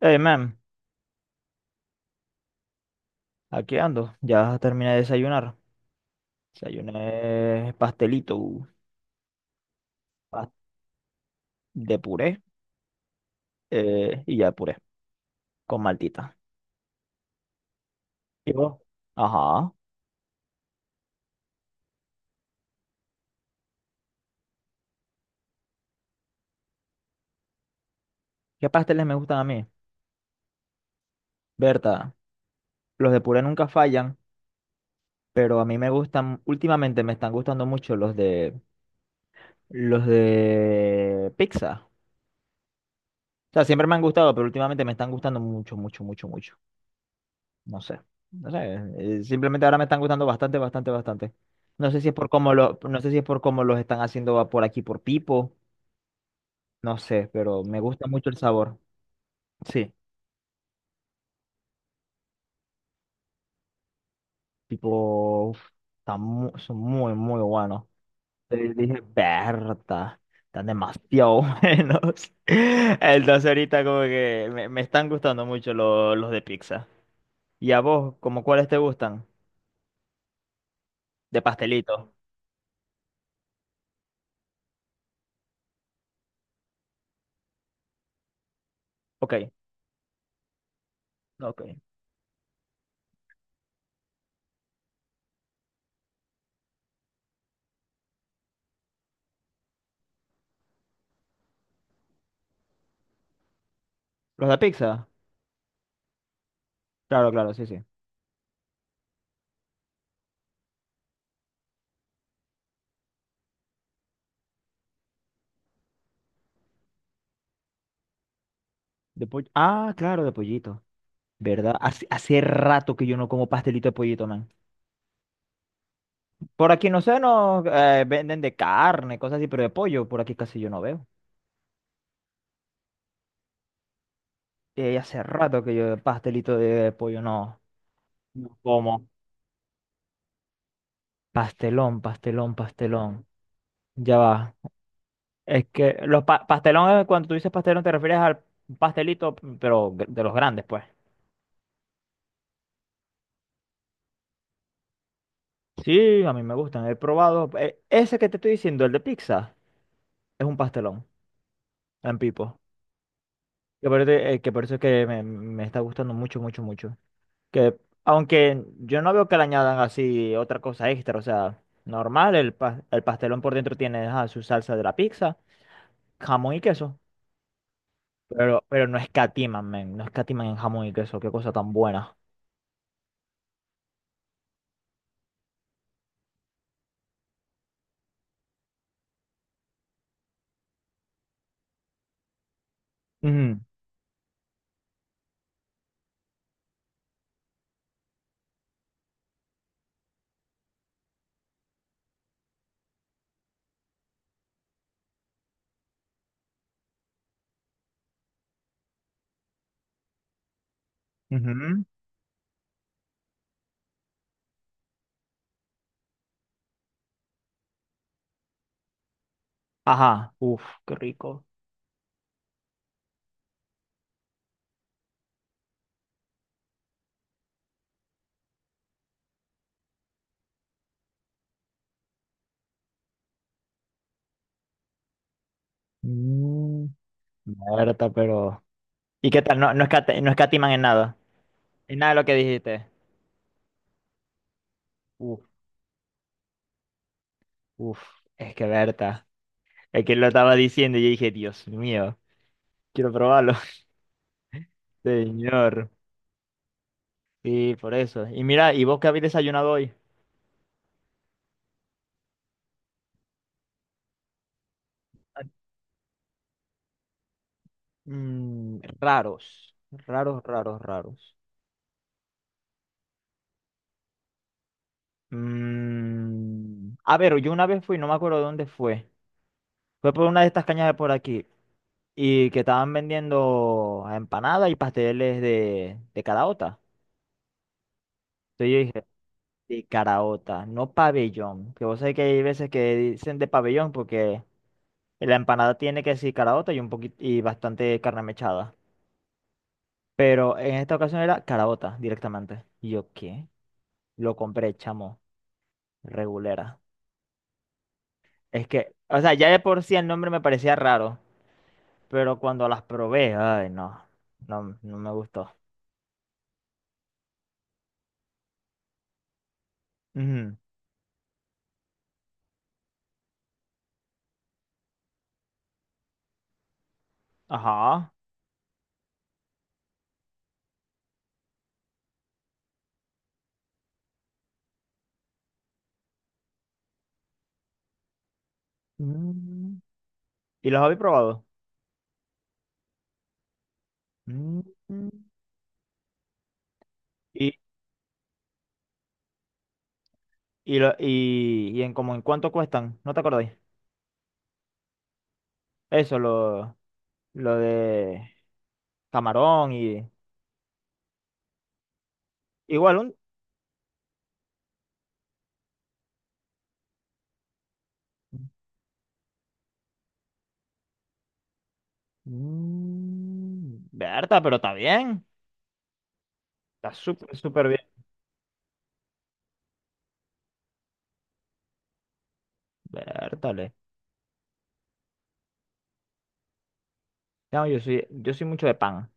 Hey, man, aquí ando. Ya terminé de desayunar. Desayuné pastelito pas- de puré y ya puré con maltita. ¿Y vos? Ajá. ¿Qué pasteles me gustan a mí? Berta, los de puré nunca fallan, pero a mí me gustan, últimamente me están gustando mucho los de pizza. O sea, siempre me han gustado, pero últimamente me están gustando mucho, mucho, mucho, mucho. No sé. No sé. Simplemente ahora me están gustando bastante, bastante, bastante. No sé si es por cómo los están haciendo por aquí por Pipo. No sé, pero me gusta mucho el sabor. Sí, tipo, uf, son muy, muy buenos. Entonces dije, Berta, están demasiado buenos. Entonces ahorita como que me están gustando mucho los de pizza. ¿Y a vos, como cuáles te gustan? De pastelito. Ok, ok. ¿Los de pizza? Claro, claro, sí, sí. De pollo. Ah, claro, de pollito. ¿Verdad? Hace, hace rato que yo no como pastelito de pollito, man. Por aquí no sé, nos venden de carne, cosas así, pero de pollo por aquí casi yo no veo. Y hace rato que yo pastelito de pollo no, no como. Pastelón, pastelón, pastelón. Ya va. Es que pastelón, cuando tú dices pastelón, te refieres al pastelito, pero de los grandes, pues. Sí, a mí me gustan, he probado. Ese que te estoy diciendo, el de pizza, es un pastelón en pipo. Que aparte, que por eso es que me está gustando mucho, mucho, mucho. Que aunque yo no veo que le añadan así otra cosa extra, o sea, normal, el pastelón por dentro tiene ajá, su salsa de la pizza, jamón y queso. Pero no escatiman, men, no escatiman en jamón y queso, qué cosa tan buena. Ujú, ujú. Ajá, uff, qué rico. Mm, Berta, pero. ¿Y qué tal? No, no, no escatiman en nada. En nada de lo que dijiste. Uf, uf, es que Berta. Es que él lo estaba diciendo y yo dije, Dios mío, quiero probarlo. Señor. Sí, por eso. Y mira, ¿y vos qué habéis desayunado hoy? Mm, raros, raros, raros, raros. Mm, a ver, yo una vez fui, no me acuerdo de dónde fue. Fue por una de estas cañas de por aquí. Y que estaban vendiendo empanadas y pasteles de caraota. Entonces yo dije, de caraota, no pabellón. Que vos sabés que hay veces que dicen de pabellón porque la empanada tiene que decir caraota y un poquito y bastante carne mechada. Pero en esta ocasión era caraota directamente. Y yo, ¿qué? Lo compré, chamo. Regulera. Es que, o sea, ya de por sí el nombre me parecía raro. Pero cuando las probé, ay, no. No, no me gustó. Ujú. Ajá. Mm. ¿Y los habéis probado? Mm. Y, y en como en cuánto cuestan, ¿no te acordáis? Eso, lo, lo de camarón y igual un, Mm, Berta, pero está bien. Está súper, súper bien. Bertale. No, yo soy mucho de pan.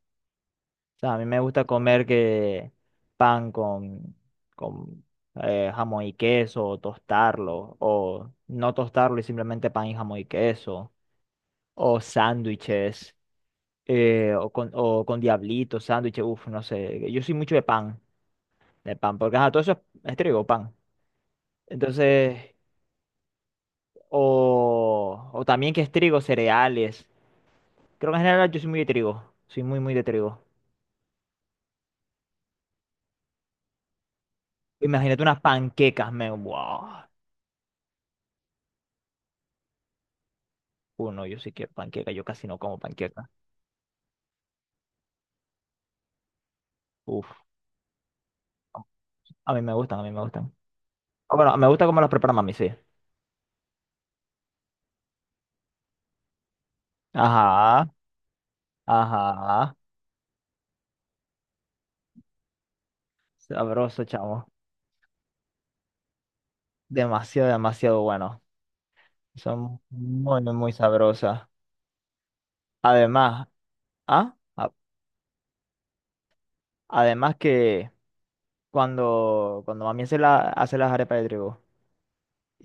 O sea, a mí me gusta comer que pan con jamón y queso, o tostarlo, o no tostarlo y simplemente pan y jamón y queso, o sándwiches, o con diablitos, sándwiches, uff, no sé. Yo soy mucho de pan, porque ajá, todo eso es trigo, pan. Entonces, o también que es trigo, cereales. Creo que en general yo soy muy de trigo. Soy muy, muy de trigo. Imagínate unas panquecas, me. ¡Wow! No, yo sí quiero panqueca. Yo casi no como panqueca. Uf. No. A mí me gustan, a mí me gustan. Ah, bueno, me gusta cómo las prepara mami, sí. Ajá, ajá. Sabroso, chamo. Demasiado, demasiado bueno. Son muy, muy muy sabrosas. Además, ¿ah? Además que cuando mami hace las arepas de trigo.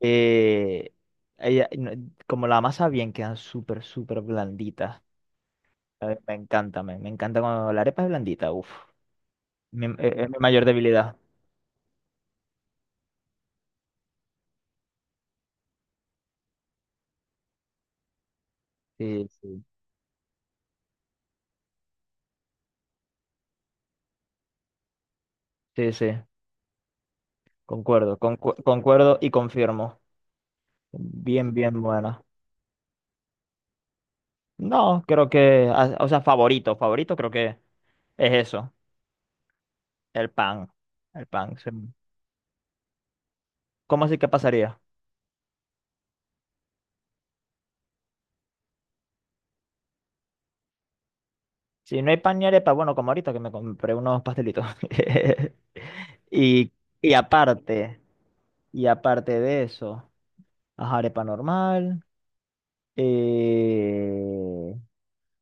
Eh, ella- no- como la masa bien, quedan súper, súper blanditas. A ver, me encanta, me encanta cuando la arepa es blandita. Uf, es mi mayor debilidad. Sí, sí, sí, sí, concuerdo y confirmo. Bien, bien buena. No, creo que, ah, o sea, favorito creo que es eso, el pan. El pan. Sí. ¿Cómo así que pasaría? Si no hay pan ni arepa, bueno, como ahorita que me compré unos pastelitos. Y, y aparte, y aparte de eso, ajá, arepa normal. Eh,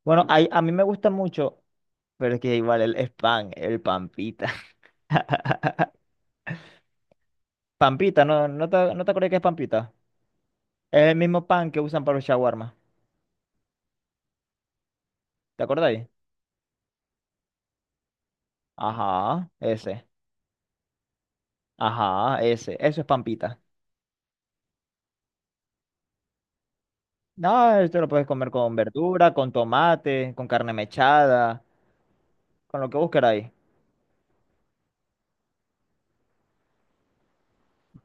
Bueno, a mí me gusta mucho, pero es que igual es pan, el pampita. Pampita, ¿no te acordás que es pampita? Es el mismo pan que usan para los shawarma. ¿Te acordáis? Ajá, ese. Ajá, ese. Eso es pampita. No, esto lo puedes comer con verdura, con tomate, con carne mechada, con lo que vos queráis.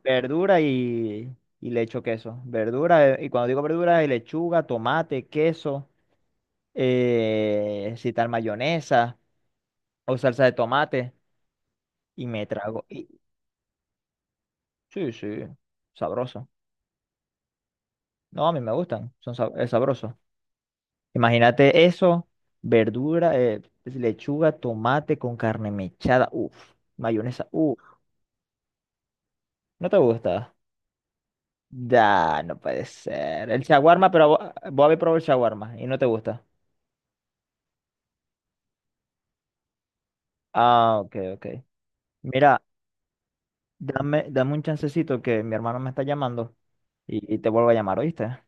Verdura y le echo queso. Verdura, y cuando digo verdura, es lechuga, tomate, queso, si tal mayonesa o salsa de tomate. Y me trago. Sí, sí, sabroso. No, a mí me gustan, es sabroso. Imagínate eso, verdura, lechuga, tomate con carne mechada, uff, mayonesa, ¿no te gusta? Ya, no puede ser. El shawarma, pero vos, vos habéis probado el shawarma y no te gusta. Ah, ok, ok. Mira, dame, dame un chancecito que mi hermano me está llamando y te vuelvo a llamar, ¿oíste?